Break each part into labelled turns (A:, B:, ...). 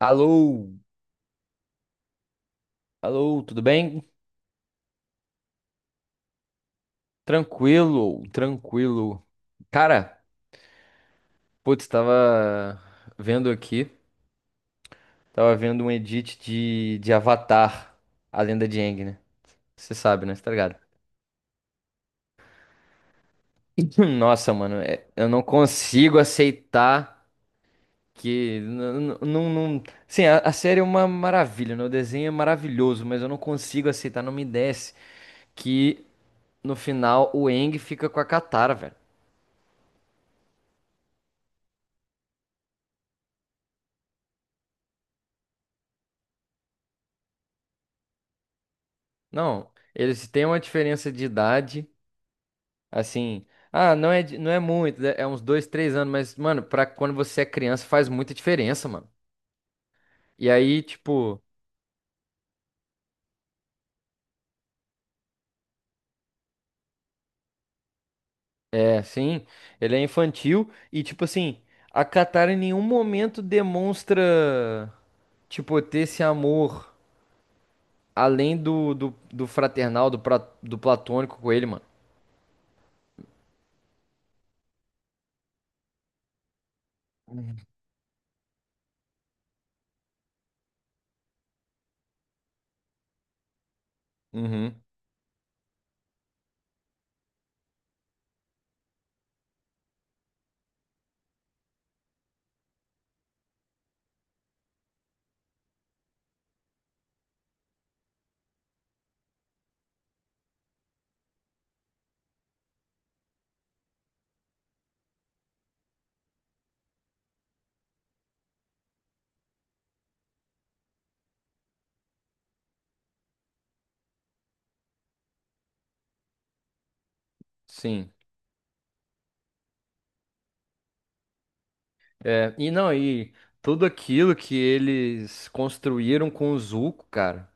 A: Alô, alô, tudo bem? Tranquilo, tranquilo. Cara, putz, tava vendo aqui, tava vendo um edit de Avatar, a lenda de Aang, né? Você sabe, né? Você tá ligado? Nossa, mano, eu não consigo aceitar Não, não, sim, a série é uma maravilha, né? O desenho é maravilhoso, mas eu não consigo aceitar, não me desce que no final o Aang fica com a Katara, velho. Não, eles têm uma diferença de idade, assim. Ah, não é muito, né, é uns 2, 3 anos, mas, mano, pra quando você é criança faz muita diferença, mano. E aí, tipo, é, sim, ele é infantil e, tipo assim, a Katara em nenhum momento demonstra, tipo, ter esse amor além do fraternal, do platônico com ele, mano. Uhum, sim. É, e não, e tudo aquilo que eles construíram com o Zuko, cara.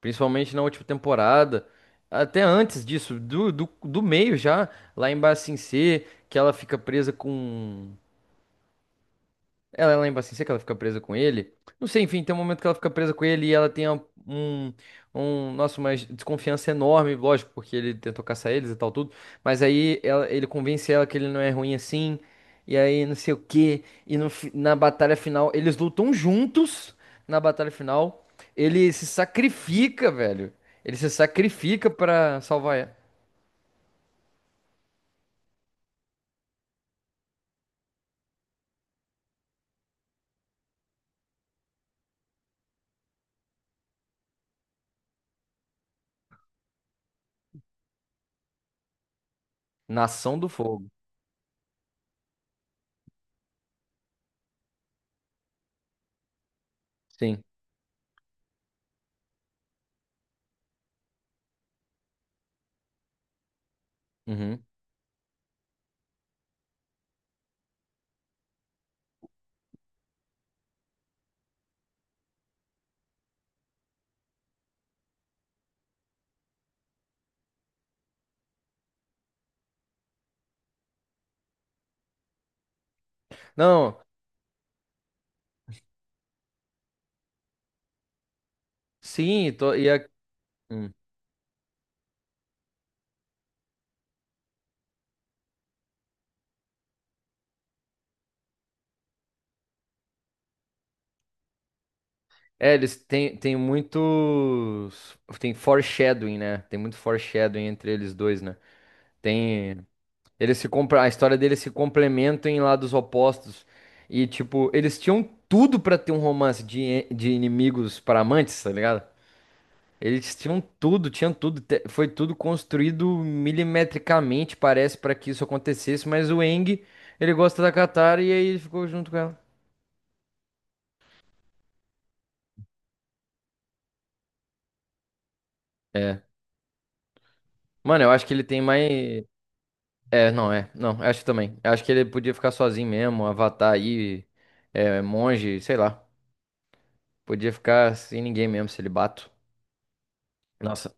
A: Principalmente na última temporada. Até antes disso, do meio já, lá em Ba Sing Se, que ela fica presa com, ela lembra assim, sei que ela fica presa com ele. Não sei, enfim, tem um momento que ela fica presa com ele e ela tem um, nossa, uma desconfiança enorme, lógico, porque ele tentou caçar eles e tal, tudo. Mas aí ele convence ela que ele não é ruim assim, e aí não sei o quê. E no fi- na batalha final, eles lutam juntos na batalha final. Ele se sacrifica, velho. Ele se sacrifica pra salvar ela. Nação do Fogo. Sim. Uhum. Não, sim, tô, e a. Hum. É, eles têm tem muitos. Tem foreshadowing, né? Tem muito foreshadowing entre eles dois, né? Tem. Eles se compra... A história deles se complementam em lados opostos. E, tipo, eles tinham tudo pra ter um romance de, e- de inimigos para amantes, tá ligado? Eles tinham tudo, tinham tudo. Foi tudo construído milimetricamente, parece, pra que isso acontecesse. Mas o Eng, ele gosta da Katara e aí ele ficou junto com ela. É. Mano, eu acho que ele tem mais. É. Não, eu acho que também. Eu acho que ele podia ficar sozinho mesmo, Avatar aí, é, monge, sei lá. Podia ficar sem ninguém mesmo, celibato. Nossa.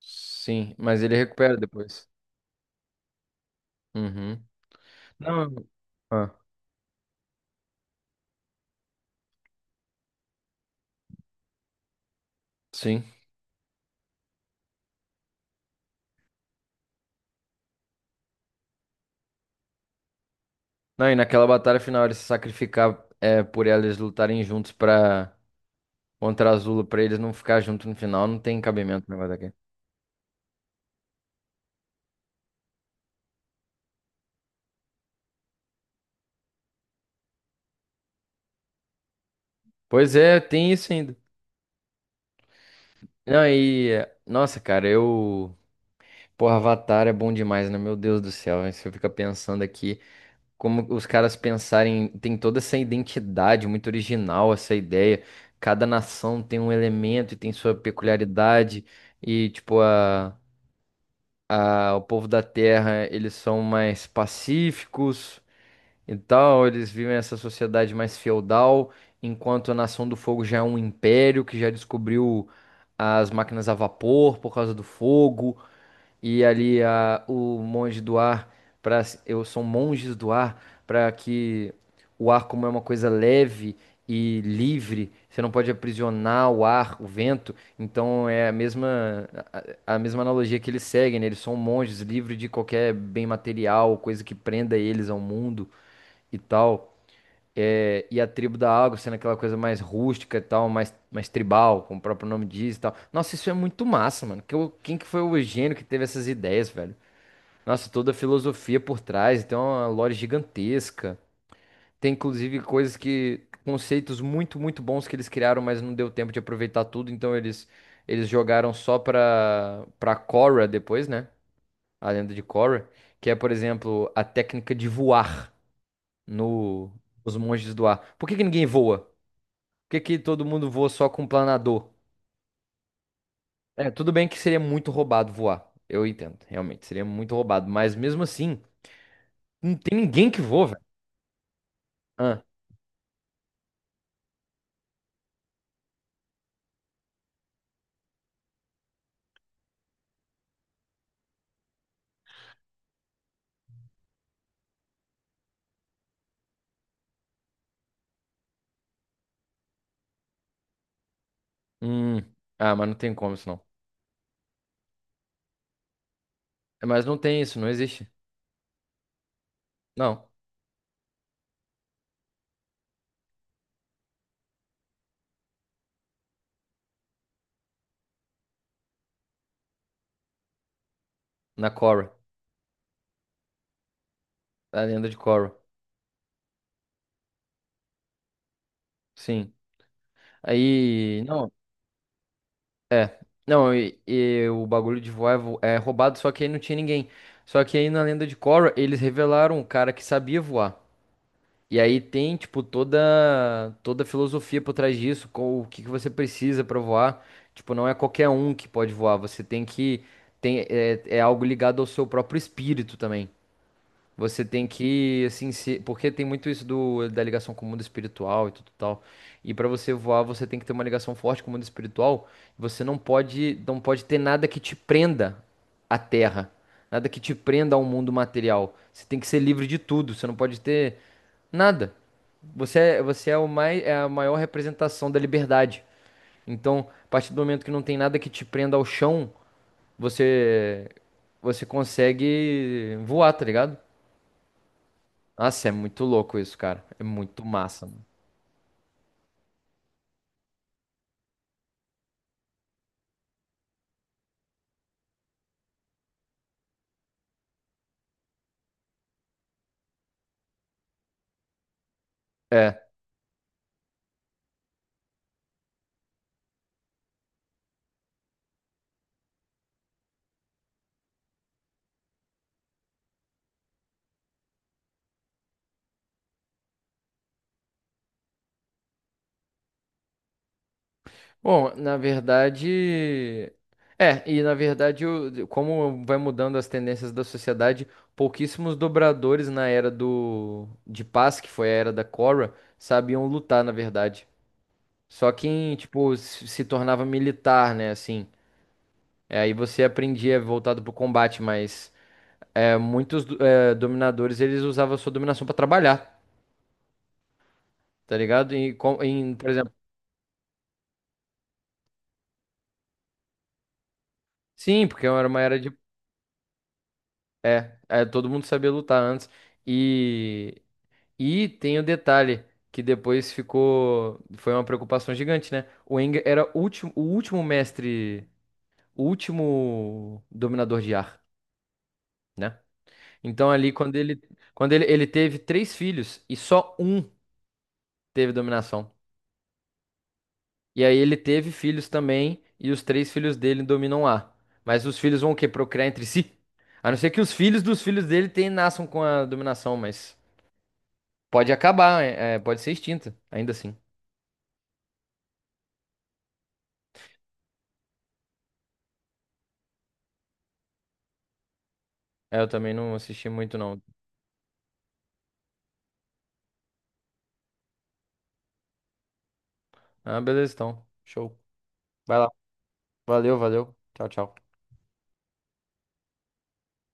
A: Sim, mas ele recupera depois. Uhum. Não. Ah, sim. Não, e naquela batalha final ele se sacrificar é, por eles lutarem juntos pra contra Azula, pra eles não ficar junto no final, não tem cabimento o negócio daqui. Pois é, tem isso ainda. Não, e. É, nossa, cara, eu. Pô, Avatar é bom demais, né? Meu Deus do céu, hein? Você fica pensando aqui como os caras pensarem, tem toda essa identidade muito original, essa ideia. Cada nação tem um elemento e tem sua peculiaridade e tipo a o povo da Terra, eles são mais pacíficos e tal, eles vivem essa sociedade mais feudal, enquanto a Nação do Fogo já é um império que já descobriu as máquinas a vapor por causa do fogo e ali o monge do ar para eu sou monges do ar para que o ar como é uma coisa leve e livre, você não pode aprisionar o ar, o vento, então é a mesma analogia que eles seguem, né? Eles são monges livres de qualquer bem material, coisa que prenda eles ao mundo e tal. É, e a tribo da água sendo aquela coisa mais rústica e tal, mais tribal, como o próprio nome diz e tal. Nossa, isso é muito massa, mano. Que, quem que foi o gênio que teve essas ideias, velho? Nossa, toda a filosofia por trás, tem uma lore gigantesca. Tem inclusive coisas que, conceitos muito, muito bons que eles criaram, mas não deu tempo de aproveitar tudo, então eles jogaram só pra Korra depois, né? A lenda de Korra, que é, por exemplo, a técnica de voar no, nos monges do ar. Por que que ninguém voa? Por que que todo mundo voa só com planador? É, tudo bem que seria muito roubado voar. Eu entendo, realmente, seria muito roubado. Mas mesmo assim, não tem ninguém que voa, velho. Ah, hum. Ah, mas não tem como isso não. É, mas não tem isso, não existe. Não, na Korra, na lenda de Korra. Sim. Aí, não, é. Não, e, o bagulho de voar é roubado, só que aí não tinha ninguém. Só que aí na lenda de Korra, eles revelaram um cara que sabia voar. E aí tem, tipo, toda a filosofia por trás disso, com o que que você precisa para voar. Tipo, não é qualquer um que pode voar, você tem que tem é algo ligado ao seu próprio espírito também. Você tem que assim, se, porque tem muito isso do da ligação com o mundo espiritual e tudo tal. E para você voar, você tem que ter uma ligação forte com o mundo espiritual. Você não pode ter nada que te prenda à terra. Nada que te prenda ao mundo material. Você tem que ser livre de tudo. Você não pode ter nada. Você é o mais, é a maior representação da liberdade. Então, a partir do momento que não tem nada que te prenda ao chão, você você consegue voar, tá ligado? Nossa, é muito louco isso, cara. É muito massa, mano. É. Bom, na verdade. É, e na verdade, como vai mudando as tendências da sociedade, pouquíssimos dobradores na era do de paz, que foi a era da Korra, sabiam lutar, na verdade. Só quem, tipo, se tornava militar, né, assim. É, aí você aprendia voltado pro combate, mas é, muitos dominadores, eles usavam a sua dominação pra trabalhar, tá ligado? E, com, em, por exemplo, sim, porque era uma era de... É, é, todo mundo sabia lutar antes. E, e tem o detalhe, que depois ficou... Foi uma preocupação gigante, né? O Aang era o último mestre, o último dominador de ar, né? Então ali quando ele teve três filhos e só um teve dominação. E aí ele teve filhos também e os três filhos dele dominam lá. Mas os filhos vão o quê? Procriar entre si? A não ser que os filhos dos filhos dele tem, nasçam com a dominação, mas pode acabar, pode ser extinta, ainda assim. É, eu também não assisti muito não. Ah, beleza, então. Show. Vai lá. Valeu, valeu. Tchau, tchau.